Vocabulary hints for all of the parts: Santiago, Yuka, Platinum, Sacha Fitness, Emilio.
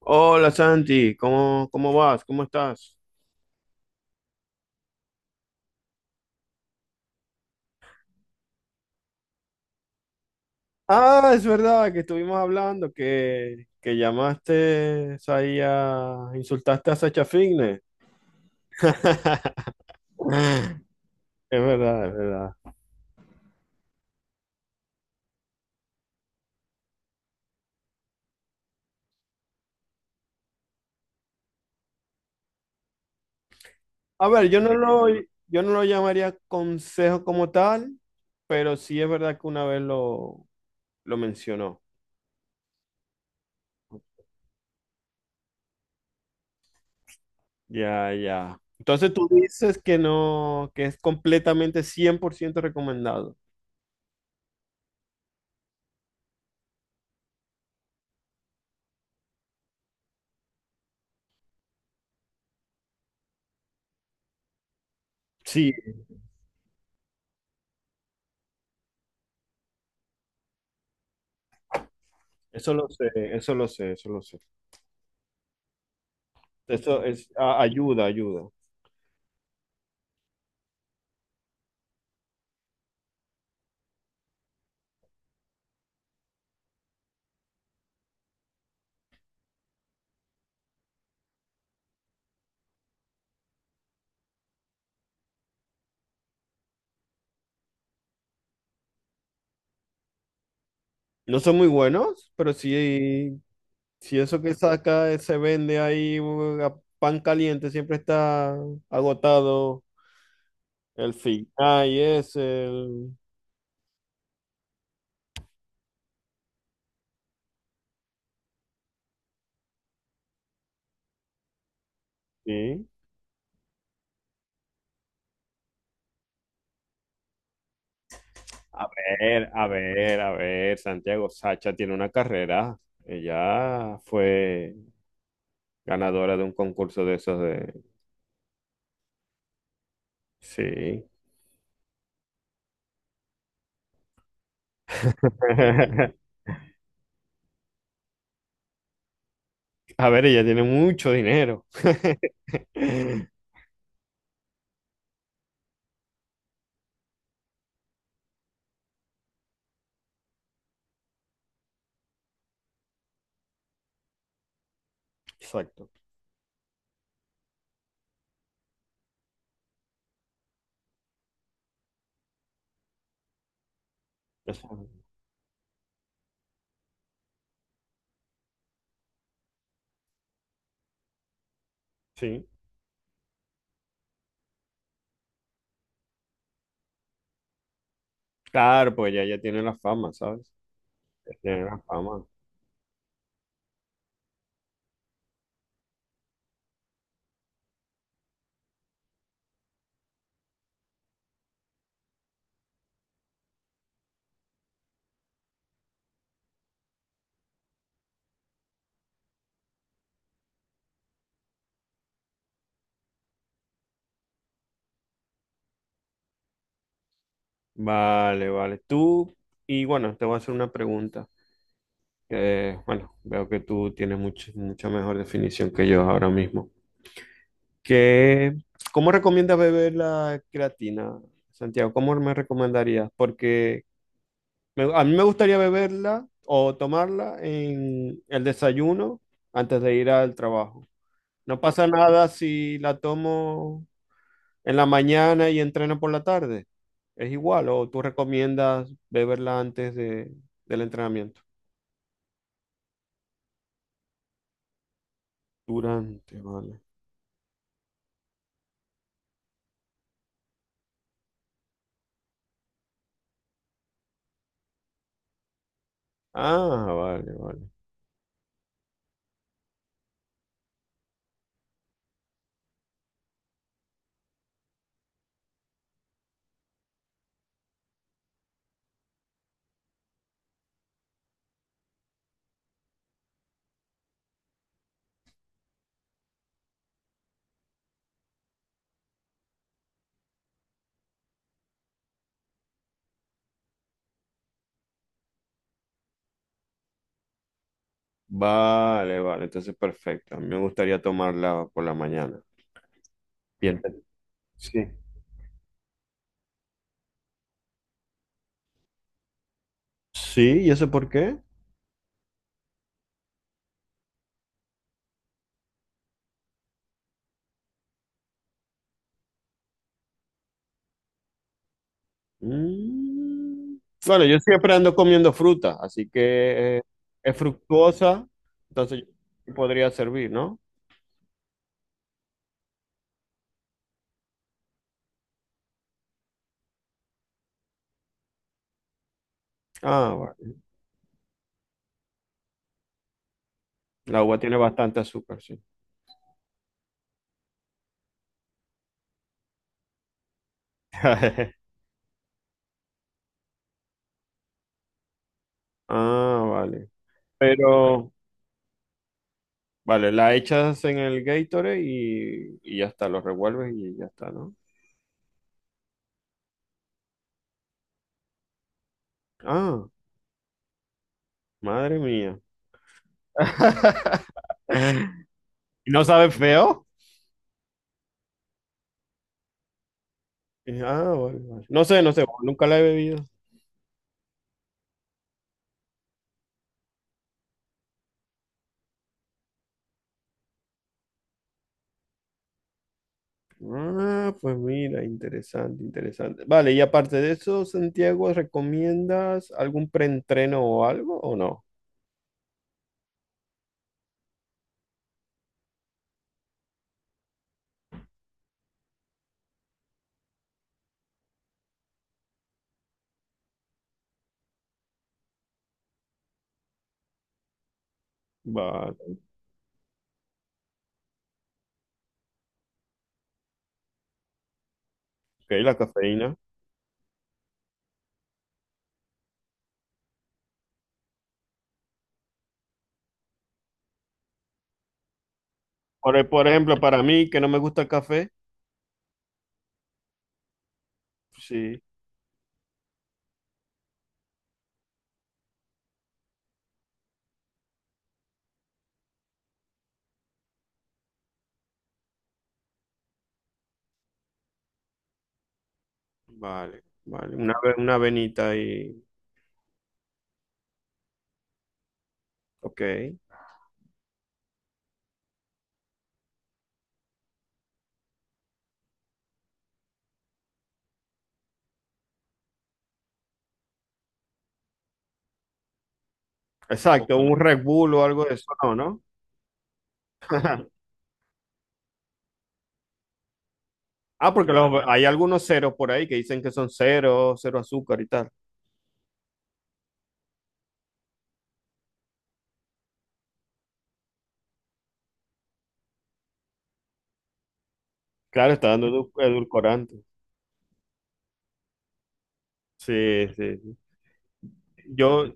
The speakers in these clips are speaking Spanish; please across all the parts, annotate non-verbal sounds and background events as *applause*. Hola Santi, ¿cómo vas? ¿Cómo estás? Ah, es verdad que estuvimos hablando que llamaste ahí a insultaste a Sacha Fitness. *laughs* Es verdad, es verdad. A ver, yo no lo llamaría consejo como tal, pero sí es verdad que una vez lo mencionó. Ya, ya. Entonces tú dices que no, que es completamente 100% recomendado. Sí, eso lo sé, eso lo sé, eso lo sé. Eso es, ayuda, ayuda. No son muy buenos, pero sí, si eso que saca se vende ahí a pan caliente, siempre está agotado el fin. Ah, y es el... Sí. A ver, a ver, a ver, Santiago Sacha tiene una carrera. Ella fue ganadora de un concurso de esos de... Sí. *laughs* A ver, ella tiene mucho dinero. *laughs* Exacto. Eso, sí. Claro, pues ya, ya tiene la fama, ¿sabes? Ya tiene la fama. Vale, vale. Tú, y bueno, te voy a hacer una pregunta. Que, bueno, veo que tú tienes mucha mejor definición que yo ahora mismo. ¿Qué, cómo recomiendas beber la creatina, Santiago? ¿Cómo me recomendarías? Porque a mí me gustaría beberla o tomarla en el desayuno antes de ir al trabajo. No pasa nada si la tomo en la mañana y entreno por la tarde. ¿Es igual o tú recomiendas beberla antes del entrenamiento? Durante, vale. Ah, vale, vale. Vale, vale, entonces perfecto. A mí me gustaría tomarla por la mañana. Bien. Sí. Sí, ¿y eso por qué? Mm. Bueno, yo siempre ando comiendo fruta, así que es fructuosa, entonces podría servir, ¿no? Ah, vale. La uva tiene bastante azúcar, sí. *laughs* Ah, vale. Pero... Vale, la echas en el Gatorade y ya está, lo revuelves y ya está, ¿no? Ah, madre mía. *laughs* ¿Y ¿No sabe feo? Ah, vale, vale. No sé, no sé, nunca la he bebido. Ah, pues mira, interesante, interesante. Vale, y aparte de eso, Santiago, ¿recomiendas algún preentreno o algo o no? Vale, ok, la cafeína. Por ejemplo, para mí, que no me gusta el café, sí, vale, vale. Una, una venita y... Ok. Exacto, un Red Bull o algo de eso, no, ¿no? Ah, porque hay algunos ceros por ahí que dicen que son cero, cero azúcar y tal. Claro, está dando edulcorante. Sí, sí, sí. Yo,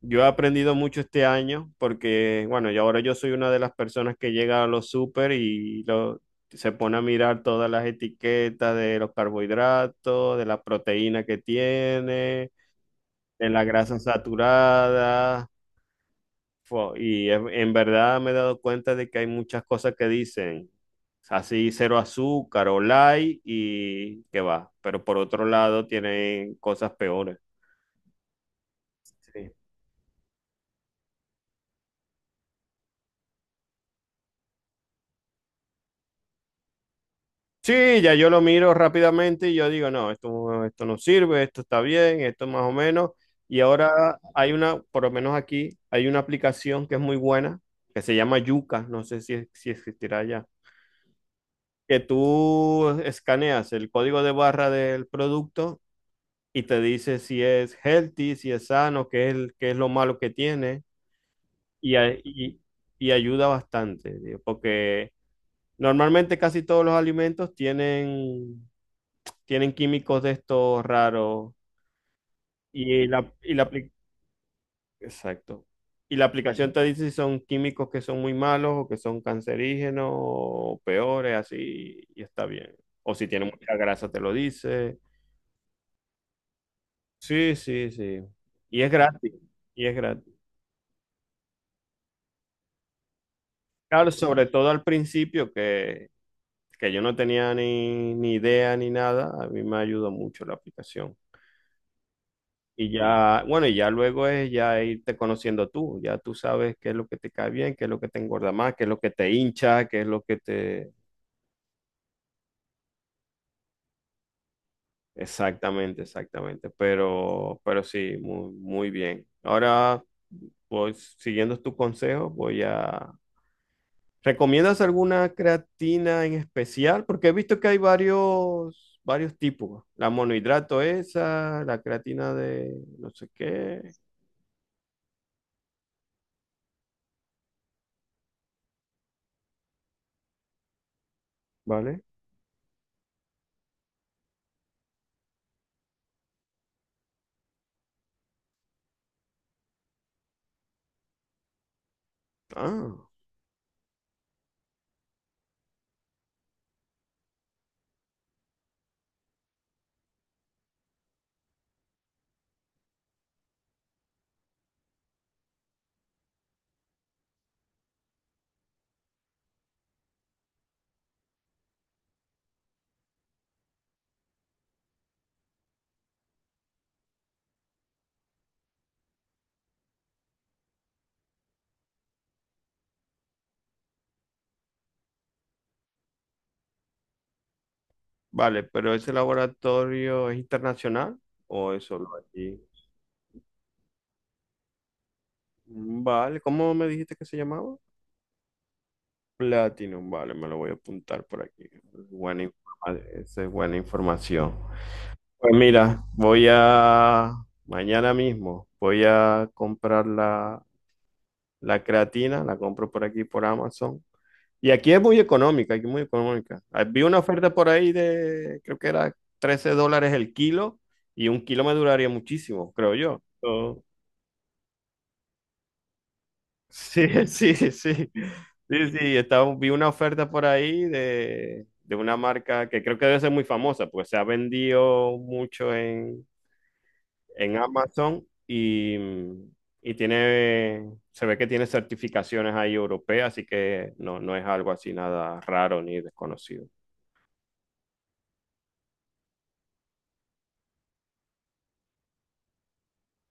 yo he aprendido mucho este año porque, bueno, yo ahora yo soy una de las personas que llega a los súper y lo, se pone a mirar todas las etiquetas de los carbohidratos, de la proteína que tiene, de la grasa saturada. Y en verdad me he dado cuenta de que hay muchas cosas que dicen así cero azúcar o light y que va, pero por otro lado tienen cosas peores. Sí. Sí, ya yo lo miro rápidamente y yo digo, no, esto no sirve, esto está bien, esto más o menos. Y ahora hay una, por lo menos aquí, hay una aplicación que es muy buena, que se llama Yuka, no sé si existirá ya, que tú escaneas el código de barra del producto y te dice si es healthy, si es sano, qué es, qué es lo malo que tiene y, a- y- y ayuda bastante, tío, porque normalmente casi todos los alimentos tienen, tienen químicos de estos raros y la, y la, apli- exacto. Y la aplicación te dice si son químicos que son muy malos o que son cancerígenos o peores, así, y está bien. O si tiene mucha grasa, te lo dice. Sí, sí, sí. Y es gratis. Y es gratis. Claro, sobre todo al principio que yo no tenía ni, ni idea ni nada, a mí me ayudó mucho la aplicación. Y ya, bueno, y ya luego es ya irte conociendo tú, ya tú sabes qué es lo que te cae bien, qué es lo que te engorda más, qué es lo que te hincha, qué es lo que te... Exactamente, exactamente, pero sí, muy, muy bien. Ahora, pues siguiendo tu consejo, voy a, ¿recomiendas alguna creatina en especial? Porque he visto que hay varios, varios tipos. La monohidrato esa, la creatina de no sé qué, ¿vale? Ah, vale, pero ese laboratorio es internacional o es solo aquí. Mm, vale, ¿cómo me dijiste que se llamaba? Platinum, vale, me lo voy a apuntar por aquí. Buena esa es buena información. Pues mira, voy a, mañana mismo, voy a comprar la La creatina la compro por aquí, por Amazon. Y aquí es muy económica, aquí es muy económica. Ah, vi una oferta por ahí de, creo que era $13 el kilo y un kilo me duraría muchísimo, creo yo. Oh, sí, *laughs* sí, sí. Sí, sí, estaba, vi una oferta por ahí de una marca que creo que debe ser muy famosa, pues se ha vendido mucho en Amazon y tiene, se ve que tiene certificaciones ahí europeas, así que no, no es algo así nada raro ni desconocido.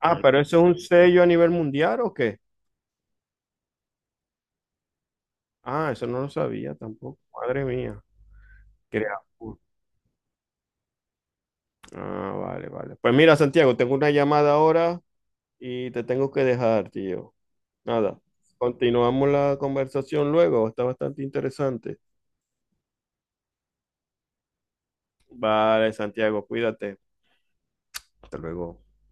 Ah, mm, pero eso es un sello a nivel mundial o qué? Ah, eso no lo sabía tampoco. Madre mía. Crea- Ah, vale, vale. Pues mira, Santiago, tengo una llamada ahora y te tengo que dejar, tío. Nada. Continuamos la conversación luego. Está bastante interesante. Vale, Santiago, cuídate. Hasta luego.